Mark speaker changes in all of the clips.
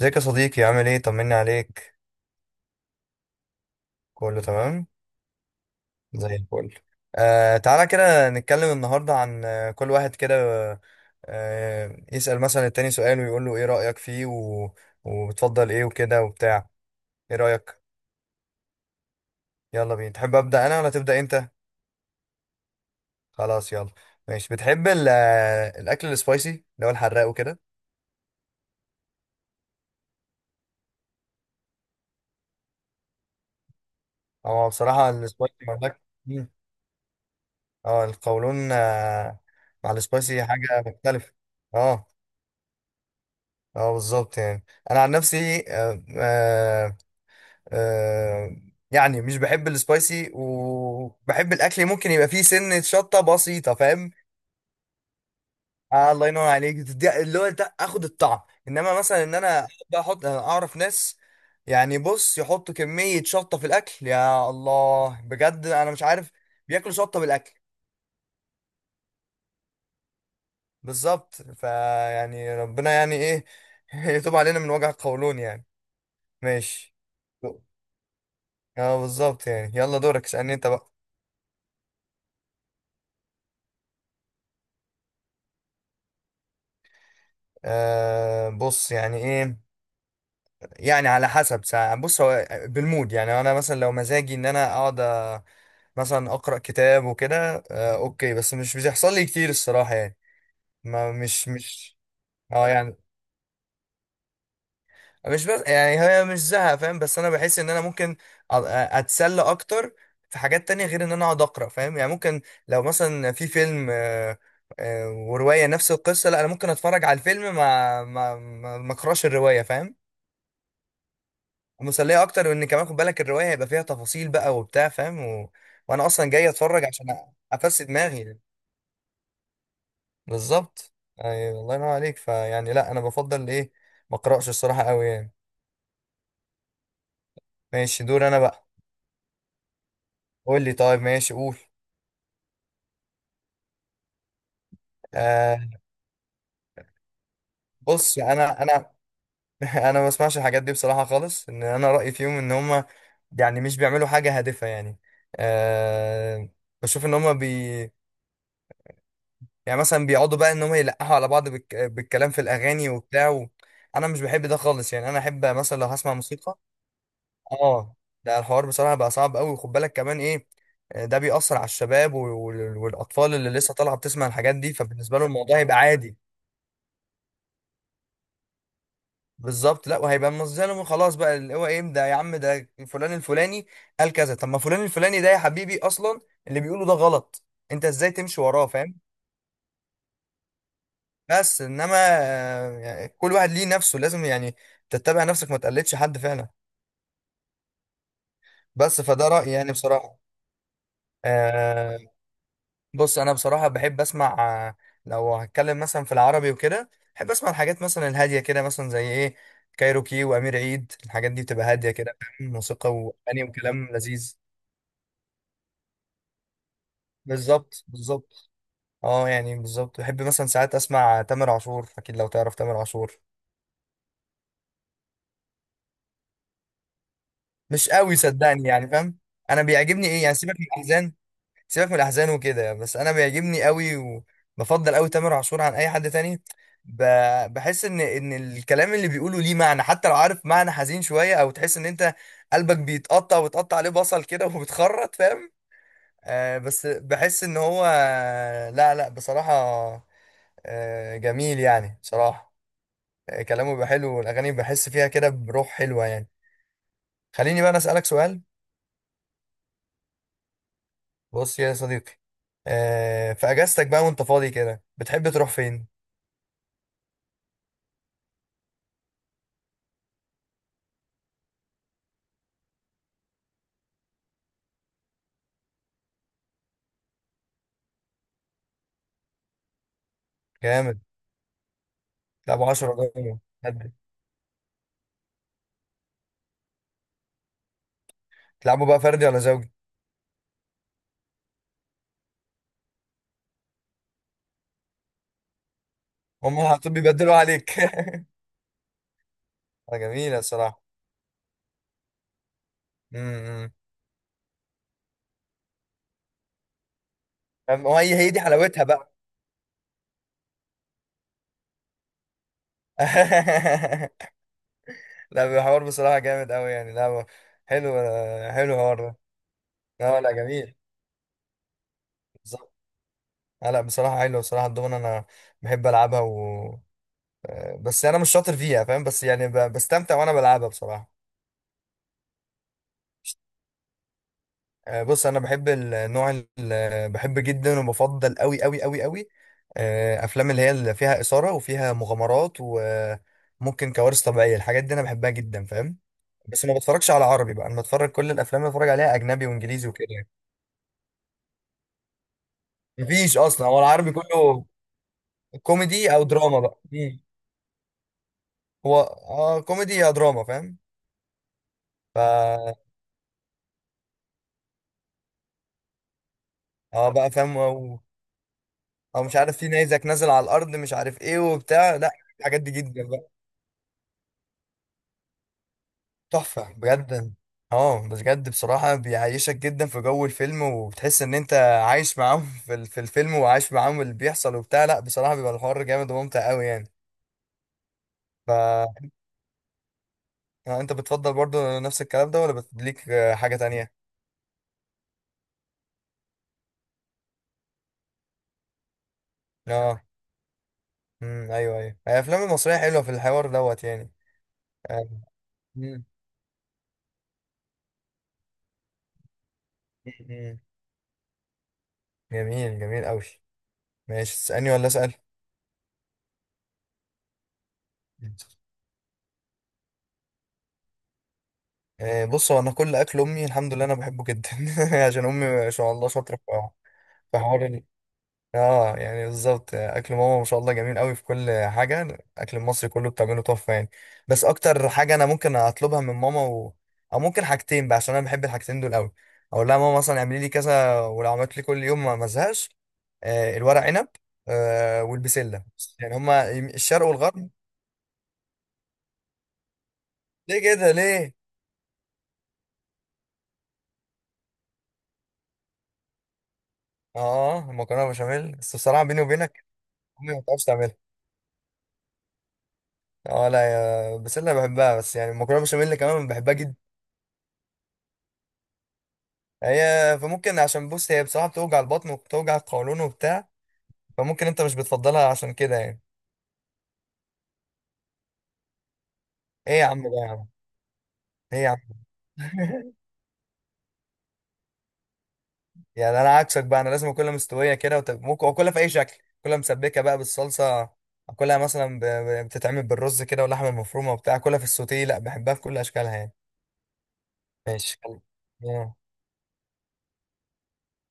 Speaker 1: ازيك يا صديقي؟ عامل ايه؟ طمني عليك. كله تمام، زي الفل. تعالى كده نتكلم النهارده عن، كل واحد كده يسأل مثلا التاني سؤال ويقول له ايه رأيك فيه و... وبتفضل ايه وكده وبتاع. ايه رأيك؟ يلا بينا. تحب أبدأ انا ولا تبدأ انت؟ خلاص، يلا. ماشي، بتحب الاكل السبايسي اللي هو الحراق وكده؟ هو بصراحة السبايسي مع مم. اه، القولون مع السبايسي حاجة مختلفة. اه اه، بالظبط يعني. انا عن نفسي آه يعني مش بحب السبايسي، وبحب الاكل ممكن يبقى فيه سنة شطة بسيطة، فاهم؟ الله ينور عليك، اللي هو ده اخد الطعم. انما مثلا ان انا احب احط، انا اعرف ناس يعني، بص، يحطوا كمية شطة في الاكل، يا الله، بجد انا مش عارف. بياكلوا شطة بالاكل. بالظبط، فيعني ربنا يعني ايه، يتوب علينا من وجع القولون يعني. ماشي، اه بالظبط يعني. يلا دورك، اسألني انت بقى. بص يعني ايه، يعني على حسب ساعة. بص، هو بالمود يعني. انا مثلا لو مزاجي ان انا اقعد، مثلا اقرا كتاب وكده اوكي، بس مش بيحصل لي كتير الصراحة يعني. ما مش مش اه يعني، مش بس يعني، هي مش زهق، فاهم؟ بس انا بحس ان انا ممكن اتسلى اكتر في حاجات تانية غير ان انا اقعد اقرا، فاهم يعني؟ ممكن لو مثلا في فيلم، ورواية نفس القصة، لا انا ممكن اتفرج على الفيلم ما اقراش الرواية، فاهم؟ ومسلية اكتر، وان كمان خد بالك الرواية هيبقى فيها تفاصيل بقى وبتاع، فاهم؟ و... وانا اصلا جاي اتفرج عشان افسد دماغي. بالظبط، ايوه، الله ينور عليك. فيعني لا انا بفضل ايه، ما اقراش الصراحة قوي يعني. ماشي، دور انا بقى. قول لي، طيب، ماشي قول. آه بص انا، انا ما بسمعش الحاجات دي بصراحه خالص. ان انا رايي فيهم ان هم يعني مش بيعملوا حاجه هادفه يعني. آه بشوف ان هم بي، يعني مثلا بيقعدوا بقى ان هم يلقحوا على بعض بالك... بالكلام في الاغاني وبتاع و... انا مش بحب ده خالص يعني. انا احب مثلا لو هسمع موسيقى. اه، ده الحوار بصراحه بقى صعب قوي. وخد بالك كمان ايه، ده بيأثر على الشباب والاطفال اللي لسه طالعه بتسمع الحاجات دي، فبالنسبه لهم الموضوع هيبقى عادي. بالظبط، لا وهيبقى مظلم خلاص بقى. اللي هو ايه ده يا عم؟ ده فلان الفلاني قال كذا، طب ما فلان الفلاني ده يا حبيبي اصلا اللي بيقوله ده غلط، انت ازاي تمشي وراه؟ فاهم؟ بس انما، يعني كل واحد ليه نفسه، لازم يعني تتبع نفسك، ما تقلدش حد فعلا. بس فده رأيي يعني بصراحة. آه بص انا بصراحة بحب اسمع، آه، لو هتكلم مثلا في العربي وكده، بحب اسمع الحاجات مثلا الهادية كده، مثلا زي ايه، كايروكي وامير عيد. الحاجات دي بتبقى هادية كده، فاهم؟ موسيقى واغاني وكلام لذيذ. بالظبط. اه يعني بالظبط. بحب مثلا ساعات اسمع تامر عاشور، اكيد لو تعرف تامر عاشور. مش قوي صدقني يعني، فاهم؟ انا بيعجبني ايه يعني، سيبك من الاحزان، سيبك من الاحزان وكده، بس انا بيعجبني قوي. وبفضل قوي تامر عاشور عن اي حد تاني. ب... بحس ان الكلام اللي بيقوله ليه معنى، حتى لو عارف معنى حزين شويه، او تحس ان انت قلبك بيتقطع، وتقطع عليه بصل كده وبتخرط، فاهم؟ بس بحس ان هو، لا لا بصراحه، جميل يعني بصراحه. كلامه بيبقى حلو، والاغاني بحس فيها كده بروح حلوه يعني. خليني بقى انا اسالك سؤال. بص يا صديقي، في اجازتك بقى وانت فاضي كده، بتحب تروح فين؟ جامد. تلعبوا 10 جوه هد. تلعبوا بقى فردي ولا زوجي؟ هم على طول بيبدلوا عليك. جميله الصراحه. امم هو هي دي حلاوتها بقى. لا بيحور بصراحه جامد قوي يعني. لا هو حلو. حلو الحوار ده. لا لا جميل. بالظبط. لا بصراحه حلو. بصراحه الدومنه انا بحب العبها و... بس انا مش شاطر فيها فاهم، بس يعني بستمتع وانا بلعبها بصراحه. بص انا بحب النوع، بحب جدا وبفضل قوي قوي قوي قوي، افلام اللي هي اللي فيها اثاره وفيها مغامرات وممكن كوارث طبيعيه. الحاجات دي انا بحبها جدا، فاهم؟ بس ما بتفرجش على عربي بقى. انا بتفرج كل الافلام اللي بتفرج عليها اجنبي وانجليزي وكده يعني. مفيش اصلا، هو العربي كله كوميدي او دراما بقى. هو اه كوميدي يا دراما، فاهم؟ ف اه بقى فاهم، او مش عارف في نيزك نازل على الارض، مش عارف ايه وبتاع، لا الحاجات دي جدا بقى. تحفه بجد. اه بس بجد بصراحه بيعيشك جدا في جو الفيلم، وبتحس ان انت عايش معاهم في في الفيلم، وعايش معاهم اللي بيحصل وبتاع. لا بصراحه بيبقى الحوار جامد وممتع قوي يعني. ف انت بتفضل برضو نفس الكلام ده، ولا ليك حاجه تانية؟ اه، ايوه، هي الافلام المصريه حلوه في الحوار دوت يعني. آه، مم، مم، مم. جميل جميل قوي. ماشي، تسالني ولا اسال؟ بص هو انا كل اكل امي الحمد لله انا بحبه جدا. عشان امي ما شاء الله شاطره في في حوار اه يعني بالظبط. اكل ماما ما شاء الله جميل قوي في كل حاجه. الاكل المصري كله بتعمله تحفه يعني. بس اكتر حاجه انا ممكن اطلبها من ماما و... او ممكن حاجتين بقى، عشان انا بحب الحاجتين دول قوي. اقول لها ماما مثلا اعملي لي كذا، ولو عملت لي كل يوم ما ازهقش، الورق عنب والبسله. يعني هما الشرق والغرب. ليه كده ليه؟ اه المكرونه بشاميل، بس بصراحه بيني وبينك امي ما بتعرفش تعملها. اه لا يا بس انا بحبها. بس يعني المكرونه بشاميل كمان بحبها جدا. هي فممكن، عشان بص هي بصراحه بتوجع البطن وبتوجع القولون وبتاع، فممكن انت مش بتفضلها عشان كده يعني. ايه يا عم، ده يا عم! ايه يا عم! يعني انا عكسك بقى، انا لازم اكلها مستويه كده، وتب... ممكن اكلها في اي شكل. اكلها مسبكه بقى بالصلصه، اكلها مثلا ب... بتتعمل بالرز كده واللحمه المفرومه وبتاع، اكلها في السوتيه، لا بحبها في كل اشكالها يعني. ماشي خل... آه.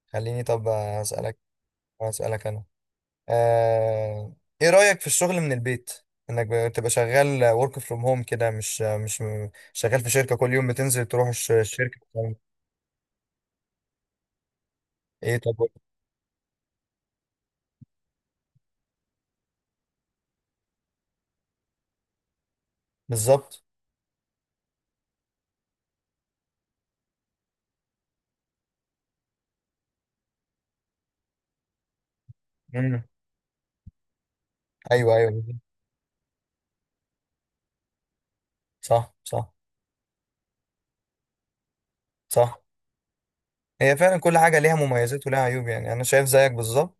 Speaker 1: خليني طب اسالك. اسالك انا، آه، ايه رأيك في الشغل من البيت؟ انك بتبقى شغال work from home كده، مش شغال في شركة كل يوم بتنزل تروح الشركة بتعمل ايه طب؟ بالظبط. مم. ايوه بالظبط. صح. صح. هي فعلا كل حاجة ليها مميزات ولها عيوب يعني. انا شايف زيك بالظبط.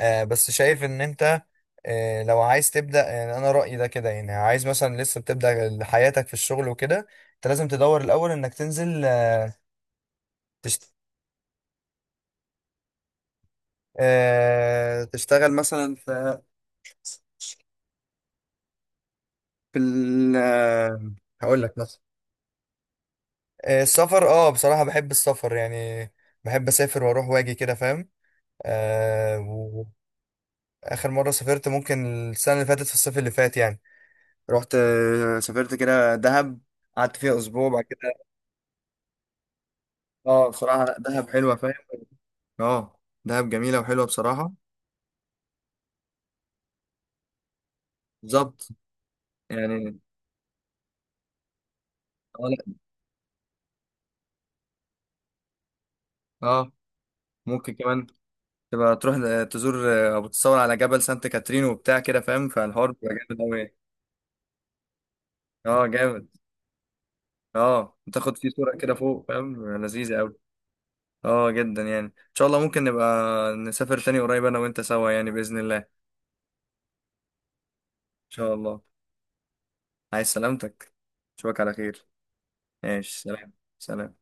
Speaker 1: بس شايف ان انت لو عايز تبدأ يعني، انا رأيي ده كده يعني، عايز مثلا لسه بتبدأ حياتك في الشغل وكده، انت لازم تدور الاول انك تنزل، تشت... تشتغل مثلا في في ال هقول لك مثلا. السفر اه بصراحة بحب السفر يعني. بحب اسافر واروح واجي كده، فاهم؟ آه واخر مرة سافرت ممكن السنة اللي فاتت في الصيف اللي فات يعني. رحت سافرت كده دهب، قعدت فيها اسبوع. بعد كده اه بصراحه لا، دهب حلوه فاهم. اه، دهب جميله وحلوه بصراحه. بالظبط يعني. اه لا، اه ممكن كمان تبقى تروح، تزور او بتصور على جبل سانت كاترين وبتاع كده، فاهم؟ فالحوار بيبقى جامد قوي. اه جامد. اه تاخد فيه صورة كده فوق، فاهم؟ لذيذة أوي. اه جدا يعني. ان شاء الله ممكن نبقى نسافر تاني قريب انا وانت سوا، يعني بإذن الله ان شاء الله. عايز سلامتك. اشوفك على خير. ماشي، سلام. سلام.